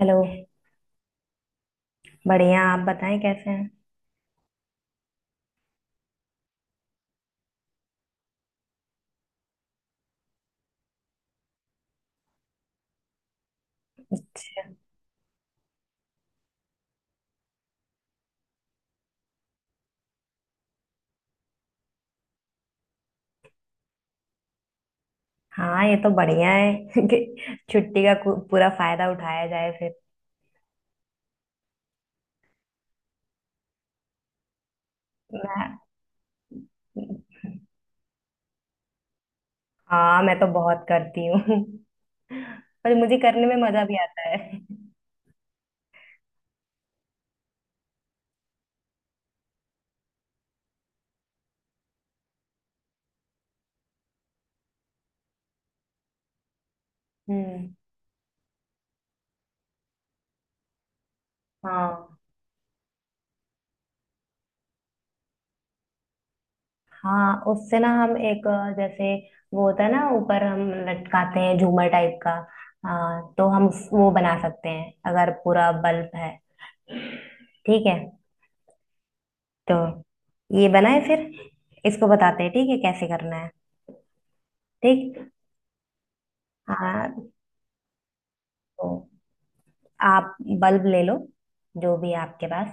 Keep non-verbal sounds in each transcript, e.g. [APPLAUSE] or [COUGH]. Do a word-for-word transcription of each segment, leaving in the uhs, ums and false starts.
Hello. बढ़िया, आप बताएं कैसे हैं। हाँ, ये तो बढ़िया है [LAUGHS] कि छुट्टी का कु- पूरा फायदा उठाया जाए फिर। मैं- हाँ, मैं तो बहुत करती हूँ [LAUGHS] पर मुझे करने में मजा भी आता है। हम्म। हाँ, हाँ, उससे ना हम एक अ, जैसे वो होता है ना, ऊपर हम लटकाते हैं झूमर टाइप का। हाँ, तो हम उस- वो बना सकते हैं अगर पूरा बल्ब है। ठीक है, तो ये बनाए फिर। इसको बताते हैं ठीक है कैसे करना है। ठीक। हाँ, तो आप बल्ब ले लो जो भी है आपके पास।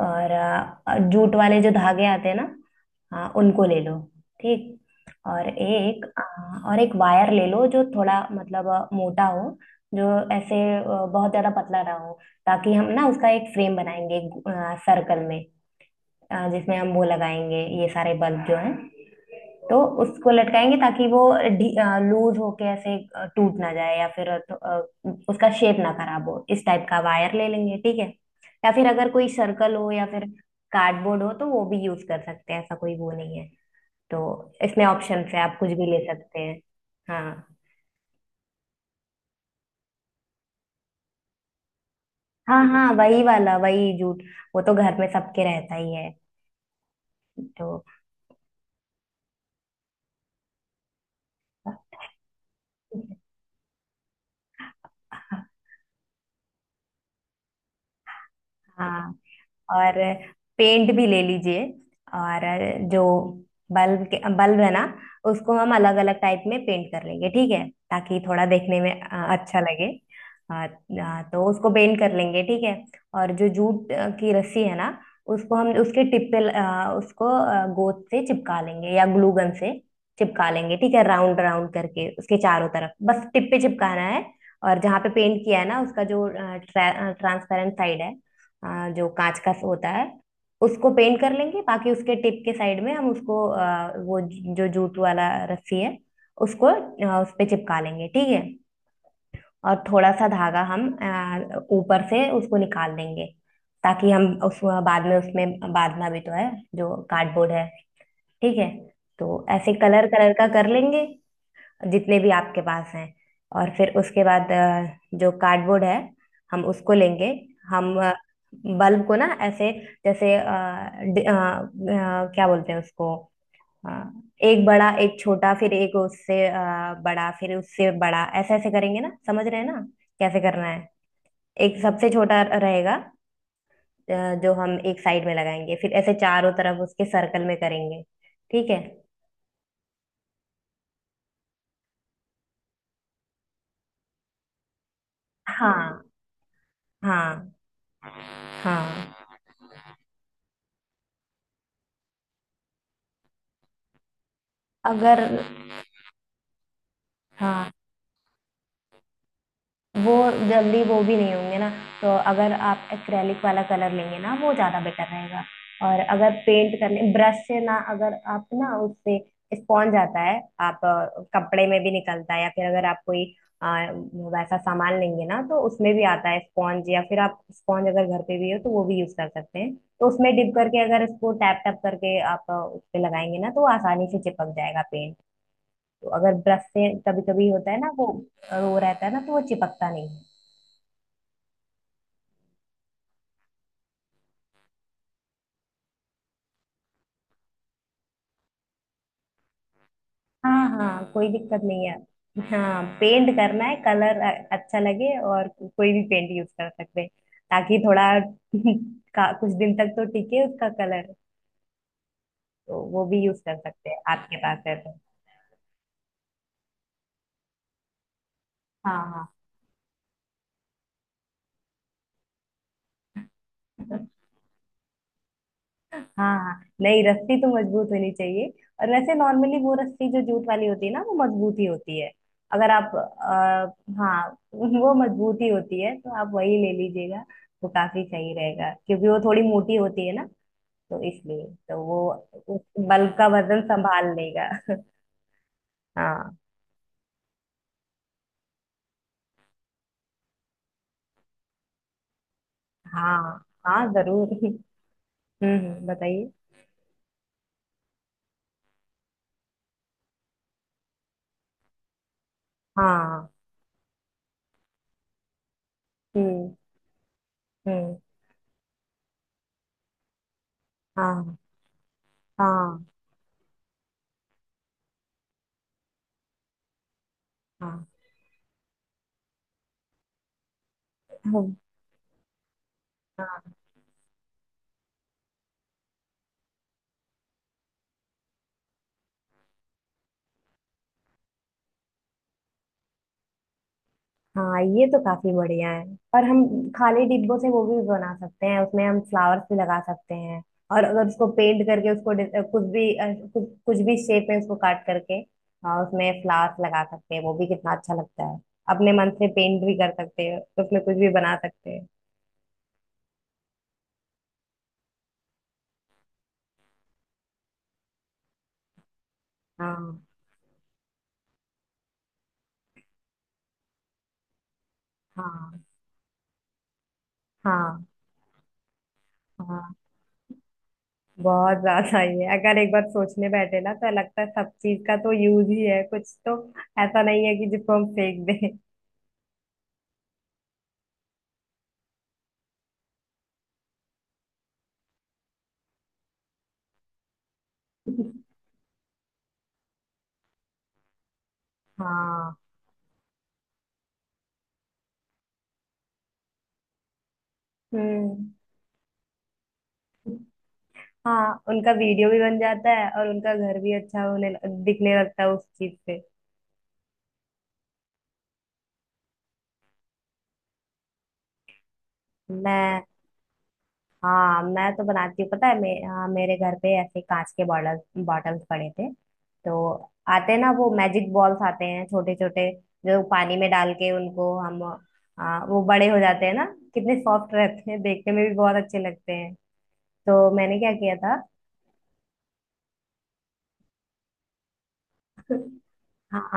और अ, जूट वाले जो धागे आते हैं ना, हाँ, उनको ले लो। ठीक। और एक अ, और एक वायर ले लो जो थोड़ा मतलब अ, मोटा हो। जो ऐसे अ, बहुत ज्यादा पतला ना हो, ताकि हम ना उसका एक फ्रेम बनाएंगे सर्कल में। अ, जिसमें हम वो लगाएंगे ये सारे बल्ब जो हैं। तो उसको लटकाएंगे ताकि वो लूज होके ऐसे अ, टूट ना जाए, या फिर तो, अ, उसका शेप ना खराब हो, इस टाइप का वायर ले लेंगे ठीक है। या फिर अगर कोई सर्कल हो, या फिर कार्डबोर्ड हो तो वो भी यूज कर सकते हैं, ऐसा कोई वो नहीं है तो। इसमें ऑप्शन है, आप कुछ भी ले सकते हैं। हाँ। हाँ, हाँ, वही वाला, वही जूट। वो तो घर में सबके रहता ही है तो। हाँ, और पेंट भी ले लीजिए। और जो बल्ब के बल्ब है ना, उसको हम अलग अलग टाइप में पेंट कर लेंगे ठीक है, ताकि थोड़ा देखने में अ, अच्छा लगे। अ, अ, तो उसको पेंट कर लेंगे ठीक है। और जो जूट अ, की रस्सी है ना, उसको हम उसके टिप पे ल- अ, उसको अ, गोंद से चिपका लेंगे या ग्लू गन से चिपका लेंगे ठीक है। राउंड राउंड करके उसके चारों तरफ बस टिप पे चिपकाना है। और जहाँ पे पेंट किया है ना उसका जो ट्रांसपेरेंट साइड है, आ, जो कांच का होता है, उसको पेंट कर लेंगे। बाकी उसके टिप के साइड में हम उसको आ, वो ज- जो जूट वाला रस्सी है, उसको आ, उस पे चिपका लेंगे ठीक है। और थोड़ा सा धागा हम आ, ऊपर से उसको निकाल देंगे, ताकि हम उस बाद में उसमें बांधना भी तो है जो कार्डबोर्ड है। ठीक है। तो ऐसे कलर कलर का कर लेंगे जितने भी आपके पास हैं। और फिर उसके बाद अ, जो कार्डबोर्ड है, हम उसको लेंगे। हम अ, बल्ब को ना ऐसे, जैसे अ, डि- अ, अ, क्या बोलते हैं उसको, अ, एक बड़ा एक छोटा फिर एक उससे अ, बड़ा फिर उससे बड़ा ऐसे ऐसे करेंगे ना, समझ रहे हैं ना कैसे करना है। एक सबसे छोटा रहेगा अ, जो हम एक साइड में लगाएंगे, फिर ऐसे चारों तरफ उसके सर्कल में करेंगे। ठीक है। हाँ, हाँ। हाँ, अगर, हाँ वो जल्दी वो भी नहीं होंगे ना, तो अगर आप एक्रेलिक वाला कलर लेंगे ना वो ज़्यादा बेटर रहेगा। और अगर पेंट करने ब्रश से ना, अगर आप ना उससे स्पॉन्ज आता है, आप अ, कपड़े में भी निकलता है, या फिर अगर आप कोई अ, वैसा सामान लेंगे ना तो उसमें भी आता है स्पॉन्ज, या फिर आप स्पॉन्ज अगर घर पे भी हो तो वो भी यूज कर सकते हैं। तो उसमें डिप करके अगर इसको टैप टैप करके आप अ, उस पे लगाएंगे ना तो वो आसानी से चिपक जाएगा पेंट। तो अगर ब्रश से कभी कभी होता है ना वो अ, वो रहता है ना तो वो चिपकता नहीं है। हाँ, हाँ, कोई दिक्कत नहीं है। हाँ पेंट करना है कलर अच्छा लगे, और कोई भी पेंट यूज कर सकते हैं, ताकि थोड़ा [LAUGHS] का कुछ दिन तक तो टिके उसका कलर। तो वो भी यूज कर सकते हैं आपके पास है तो। हाँ, हाँ। हाँ, हाँ, नहीं, रस्सी तो मजबूत होनी चाहिए। और वैसे नॉर्मली वो रस्सी जो जूट वाली होती है ना वो मजबूत ही होती है। अगर आप आ, हाँ वो मजबूत ही होती है, तो आप वही ले लीजिएगा। वो काफी सही रहेगा, क्योंकि वो थोड़ी मोटी होती है ना, तो इसलिए तो वो उस बल का वजन संभाल लेगा। हाँ, हाँ, हाँ जरूर। हम्म हम्म, बताइए। हाँ। हम्म। हम्म। हाँ, हाँ। हाँ। हम्म। हाँ, हाँ, ये तो काफी बढ़िया है। और हम खाली डिब्बों से वो भी बना सकते हैं, उसमें हम फ्लावर्स भी लगा सकते हैं। और अगर उसको पेंट करके उसको डि- कुछ भी अ, कुछ कुछ भी शेप में उसको काट करके, हाँ, उसमें फ्लावर्स लगा सकते हैं। वो भी कितना अच्छा लगता है। अपने मन से पेंट भी कर सकते हैं, उसमें कुछ भी बना सकते हैं। हाँ। हाँ, हाँ। हाँ, बहुत ज्यादा ही है, अगर एक बार सोचने बैठे ना तो लगता है सब चीज का तो यूज ही है कुछ तो। ऐसा नहीं है कि जिसको हम फेंक दें। हाँ। हम्म। हाँ, उनका वीडियो भी बन जाता है और उनका घर भी अच्छा होने दिखने लगता है उस चीज से। मैं, हाँ, मैं तो बनाती हूँ, पता है मे, हाँ, मेरे घर पे ऐसे कांच के बॉटल बॉटल्स पड़े थे। तो आते हैं ना वो मैजिक बॉल्स आते हैं छोटे छोटे, जो पानी में डाल के उनको हम आ, वो बड़े हो जाते हैं ना। कितने सॉफ्ट रहते हैं, देखने में भी बहुत अच्छे लगते हैं। तो मैंने क्या किया था। [LAUGHS] हाँ,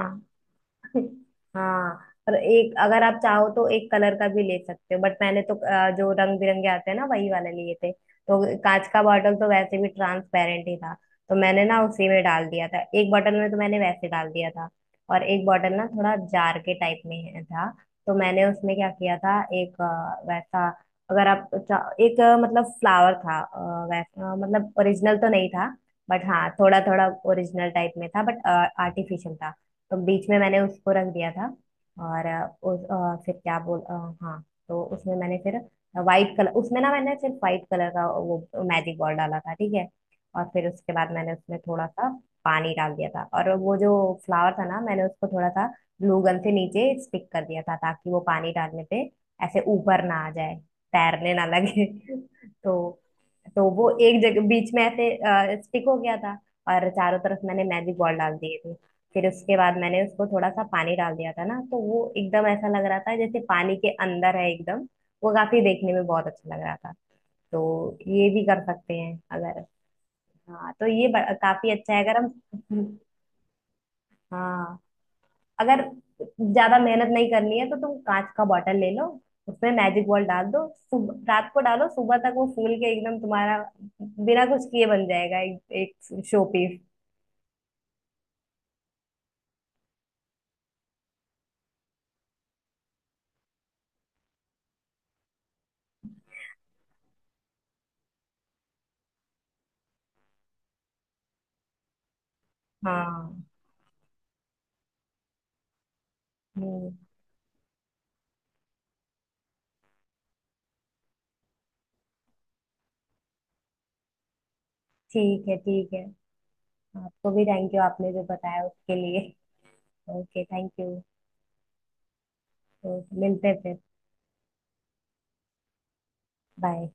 हाँ। और एक, अगर आप चाहो तो एक कलर का भी ले सकते हो, बट मैंने तो अ, जो रंग बिरंगे आते हैं ना वही वाले लिए थे। तो कांच का बॉटल तो वैसे भी ट्रांसपेरेंट ही था, तो मैंने ना उसी में डाल दिया था। एक बॉटल में तो मैंने वैसे डाल दिया था। और एक बॉटल ना थोड़ा जार के टाइप में है- था। तो मैंने उसमें क्या किया था, एक अ, वैसा, अगर आप चा- एक अ, मतलब फ्लावर था अ, वैसा, मतलब ओरिजिनल तो नहीं था, बट हाँ थोड़ा थोड़ा ओरिजिनल टाइप में था, बट आर्टिफिशियल था। तो बीच में मैंने उसको रख दिया था। और अ, उस अ, फिर क्या बोल अ, हाँ, तो उसमें मैंने फिर वाइट कलर, उसमें ना मैंने सिर्फ वाइट कलर का वो मैजिक बॉल डाला था ठीक है। और फिर उसके बाद मैंने उसमें थोड़ा सा पानी डाल दिया था, और वो जो फ्लावर था ना मैंने उसको थोड़ा सा ग्लू गन से नीचे स्टिक कर दिया था, ताकि वो पानी डालने पे ऐसे ऊपर ना आ जाए, तैरने ना लगे। [LAUGHS] तो तो वो एक जगह बीच में ऐसे स्टिक हो गया था। और चारों तरफ मैंने मैजिक बॉल डाल दिए थे। फिर उसके बाद मैंने उसको थोड़ा सा पानी डाल दिया था ना तो वो एकदम ऐसा लग रहा था जैसे पानी के अंदर है एकदम। वो काफी देखने में बहुत अच्छा लग रहा था। तो ये भी कर सकते हैं अगर। हाँ, तो ये ब- काफी अच्छा है अगर हम। हाँ, अगर ज्यादा मेहनत नहीं करनी है तो तुम कांच का बॉटल ले लो, उसमें मैजिक बॉल डाल दो, सुबह, रात को डालो सुबह तक वो फूल के एकदम तुम्हारा बिना कुछ किए बन जाएगा एक, एक शो पीस। हाँ। हम्म, ठीक है, ठीक है। आपको भी थैंक यू आपने जो बताया उसके लिए। Okay, thank you. तो मिलते हैं फिर। बाय।